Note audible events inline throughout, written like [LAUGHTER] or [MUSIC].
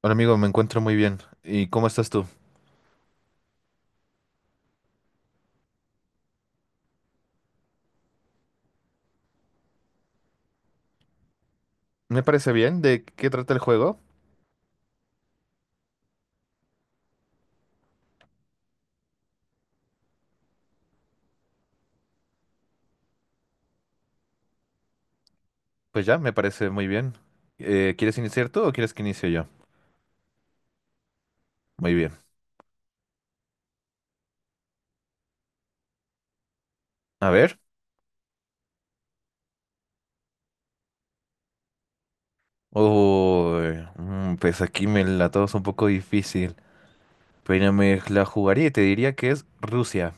Hola amigo, me encuentro muy bien. ¿Y cómo estás tú? Me parece bien. ¿De qué trata el juego? Pues ya, me parece muy bien. ¿Quieres iniciar tú o quieres que inicie yo? Muy bien. A ver. Uy, pues aquí me la tomas un poco difícil. Pero me la jugaría y te diría que es Rusia.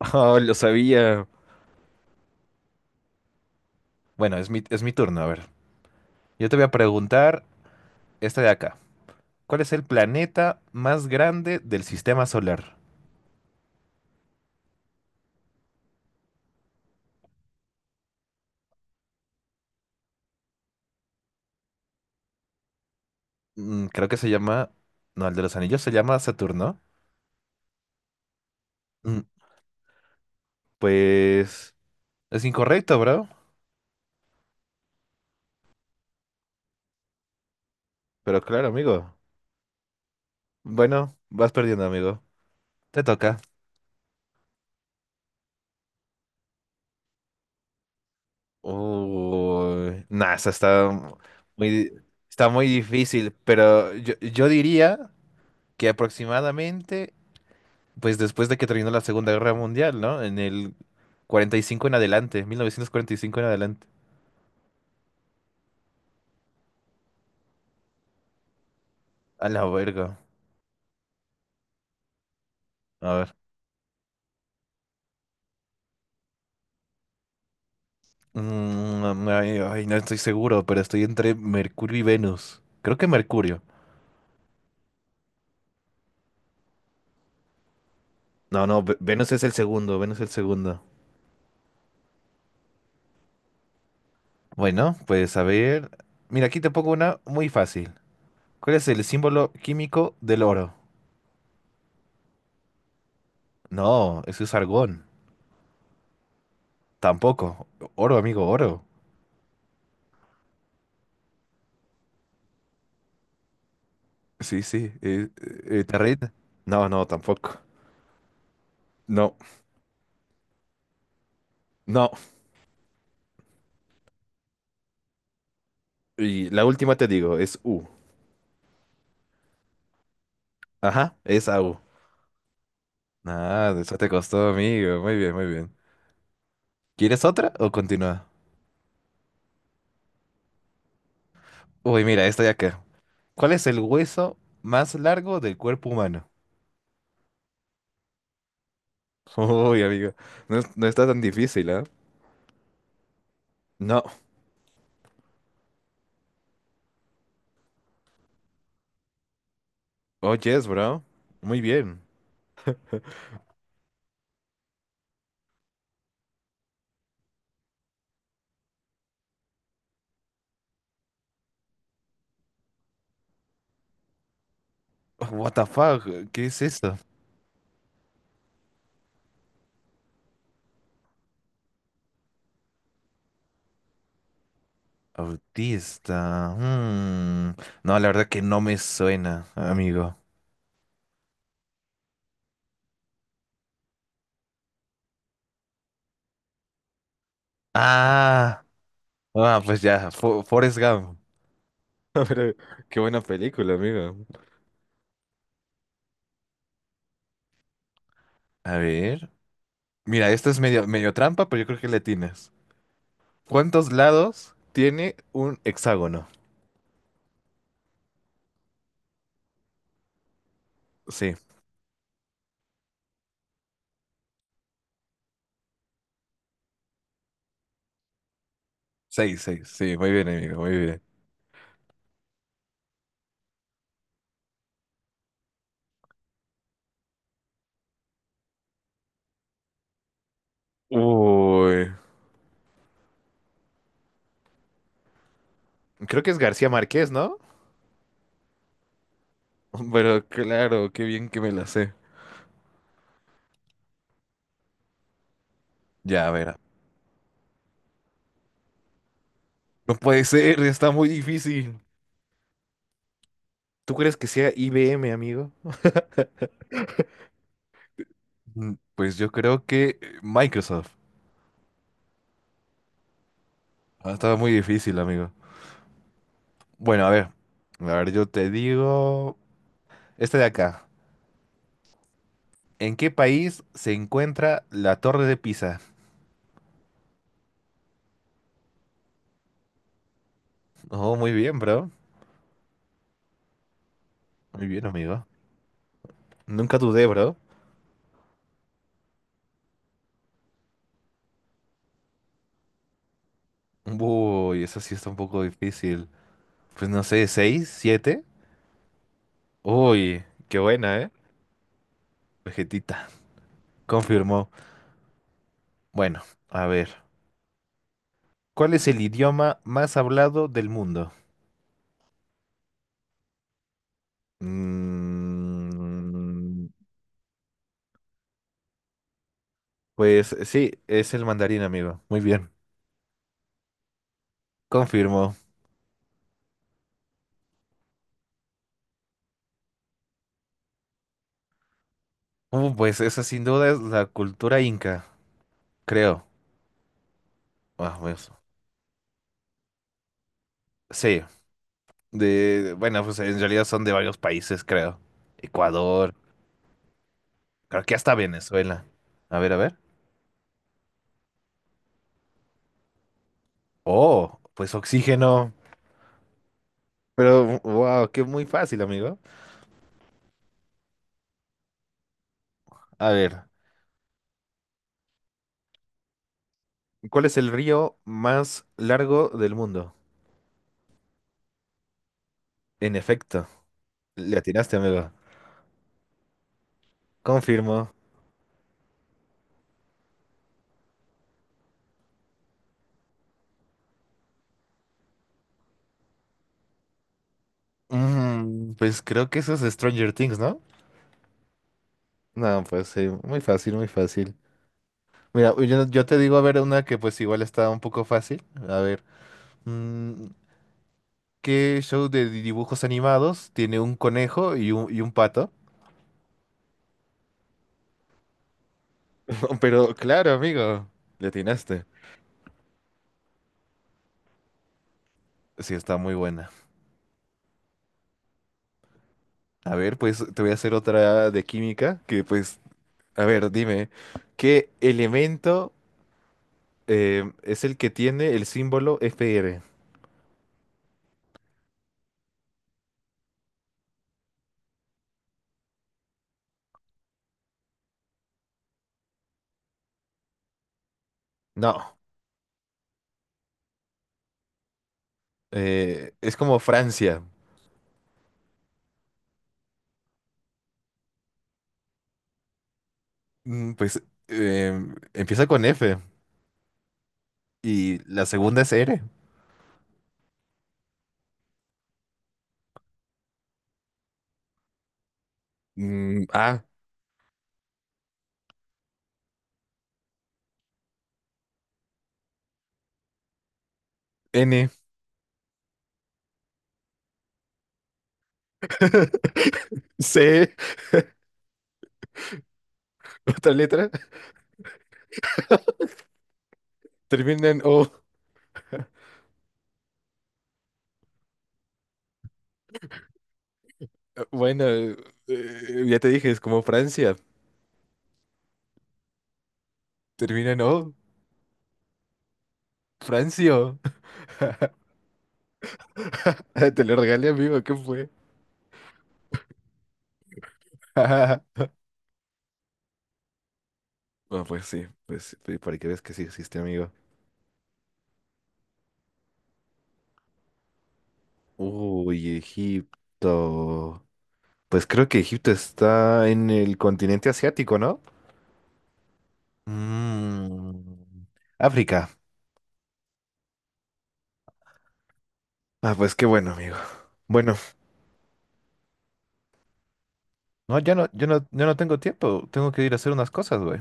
[LAUGHS] Oh, lo sabía. Bueno, es mi turno. A ver. Yo te voy a preguntar esta de acá. ¿Cuál es el planeta más grande del sistema solar? Creo que se llama... No, el de los anillos se llama Saturno. Mm, Pues es incorrecto, bro. Pero claro, amigo. Bueno, vas perdiendo, amigo. Te toca. Uy, nah, esa muy, está muy difícil, pero yo diría que aproximadamente, pues después de que terminó la Segunda Guerra Mundial, ¿no? En el 45 en adelante, 1945 en adelante. A la verga. A ver. Ay, ay, no estoy seguro, pero estoy entre Mercurio y Venus. Creo que Mercurio. No, no, Venus es el segundo, Venus es el segundo. Bueno, pues a ver. Mira, aquí te pongo una muy fácil. ¿Cuál es el símbolo químico del oro? No, eso es argón. Tampoco. Oro, amigo, oro. Sí, sí. ¿Te reíste? No, no, tampoco. No, no. Y la última te digo, es U. Ajá, es Au. Ah, eso te costó, amigo. Muy bien, muy bien. ¿Quieres otra o continúa? Uy, mira, esta ya acá. ¿Cuál es el hueso más largo del cuerpo humano? [LAUGHS] Uy, amigo, no, no está tan difícil, ¿eh? No. Oh, yes, bro. Muy bien. Oh, what the fuck? ¿Qué es esto? Autista. Mm. No, la verdad que no me suena, amigo. Ah, ah, pues ya, Forrest Gump. [LAUGHS] Pero, qué buena película, amigo. A ver. Mira, esto es medio, medio trampa, pero yo creo que le tienes. ¿Cuántos lados tiene un hexágono? Sí, seis, seis. Sí, muy bien, amigo, muy bien. Uy. Creo que es García Márquez, ¿no? [LAUGHS] Pero claro, qué bien que me la sé. Ya, a ver. No puede ser, está muy difícil. ¿Tú crees que sea IBM, amigo? Pues yo creo que Microsoft. Ah, estaba muy difícil, amigo. Bueno, a ver. A ver, yo te digo. Este de acá. ¿En qué país se encuentra la Torre de Pisa? Oh, muy bien, bro. Muy bien, amigo. Nunca dudé, bro. Uy, eso sí está un poco difícil. Pues no sé, ¿seis? ¿Siete? Uy, qué buena, ¿eh? Vegetita, confirmó. Bueno, a ver. ¿Cuál es el idioma más hablado del mundo? Mm, pues sí, es el mandarín, amigo. Muy bien, confirmó. Pues esa sin duda es la cultura inca, creo. Ah, pues, sí, de, bueno, pues en realidad son de varios países, creo. Ecuador, creo que hasta Venezuela. A ver, a ver. Oh, pues oxígeno. Pero, wow, qué muy fácil, amigo. A ver. ¿Cuál es el río más largo del mundo? En efecto, le atinaste, amigo. Confirmo. Pues creo que eso es Stranger Things, ¿no? No, pues sí, muy fácil, muy fácil. Mira, yo te digo a ver una que pues igual está un poco fácil. A ver, mm, ¿qué show de dibujos animados tiene un conejo y un pato? [LAUGHS] Pero claro, amigo, le atinaste. Sí, está muy buena. A ver, pues te voy a hacer otra de química que pues. A ver, dime, ¿qué elemento es el que tiene el símbolo Fr? No, es como Francia. Pues eh, empieza con F y la segunda es R. A, N, [LAUGHS] C, otra letra, termina en O. Bueno, ya te dije, es como Francia. Termina en O, Francio. [LAUGHS] Te lo regalé, amigo, ¿qué fue? [LAUGHS] Bueno, pues sí, para que veas que sí existe, amigo. Uy, Egipto. Pues creo que Egipto está en el continente asiático, ¿no? Mm, África. Ah, pues qué bueno, amigo. Bueno, no, ya no, yo no tengo tiempo. Tengo que ir a hacer unas cosas, güey.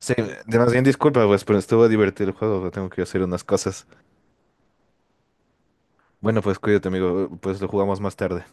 Sí, más bien disculpa, pues, pero estuvo divertido el juego, pero tengo que ir a hacer unas cosas. Bueno, pues cuídate, amigo. Pues lo jugamos más tarde.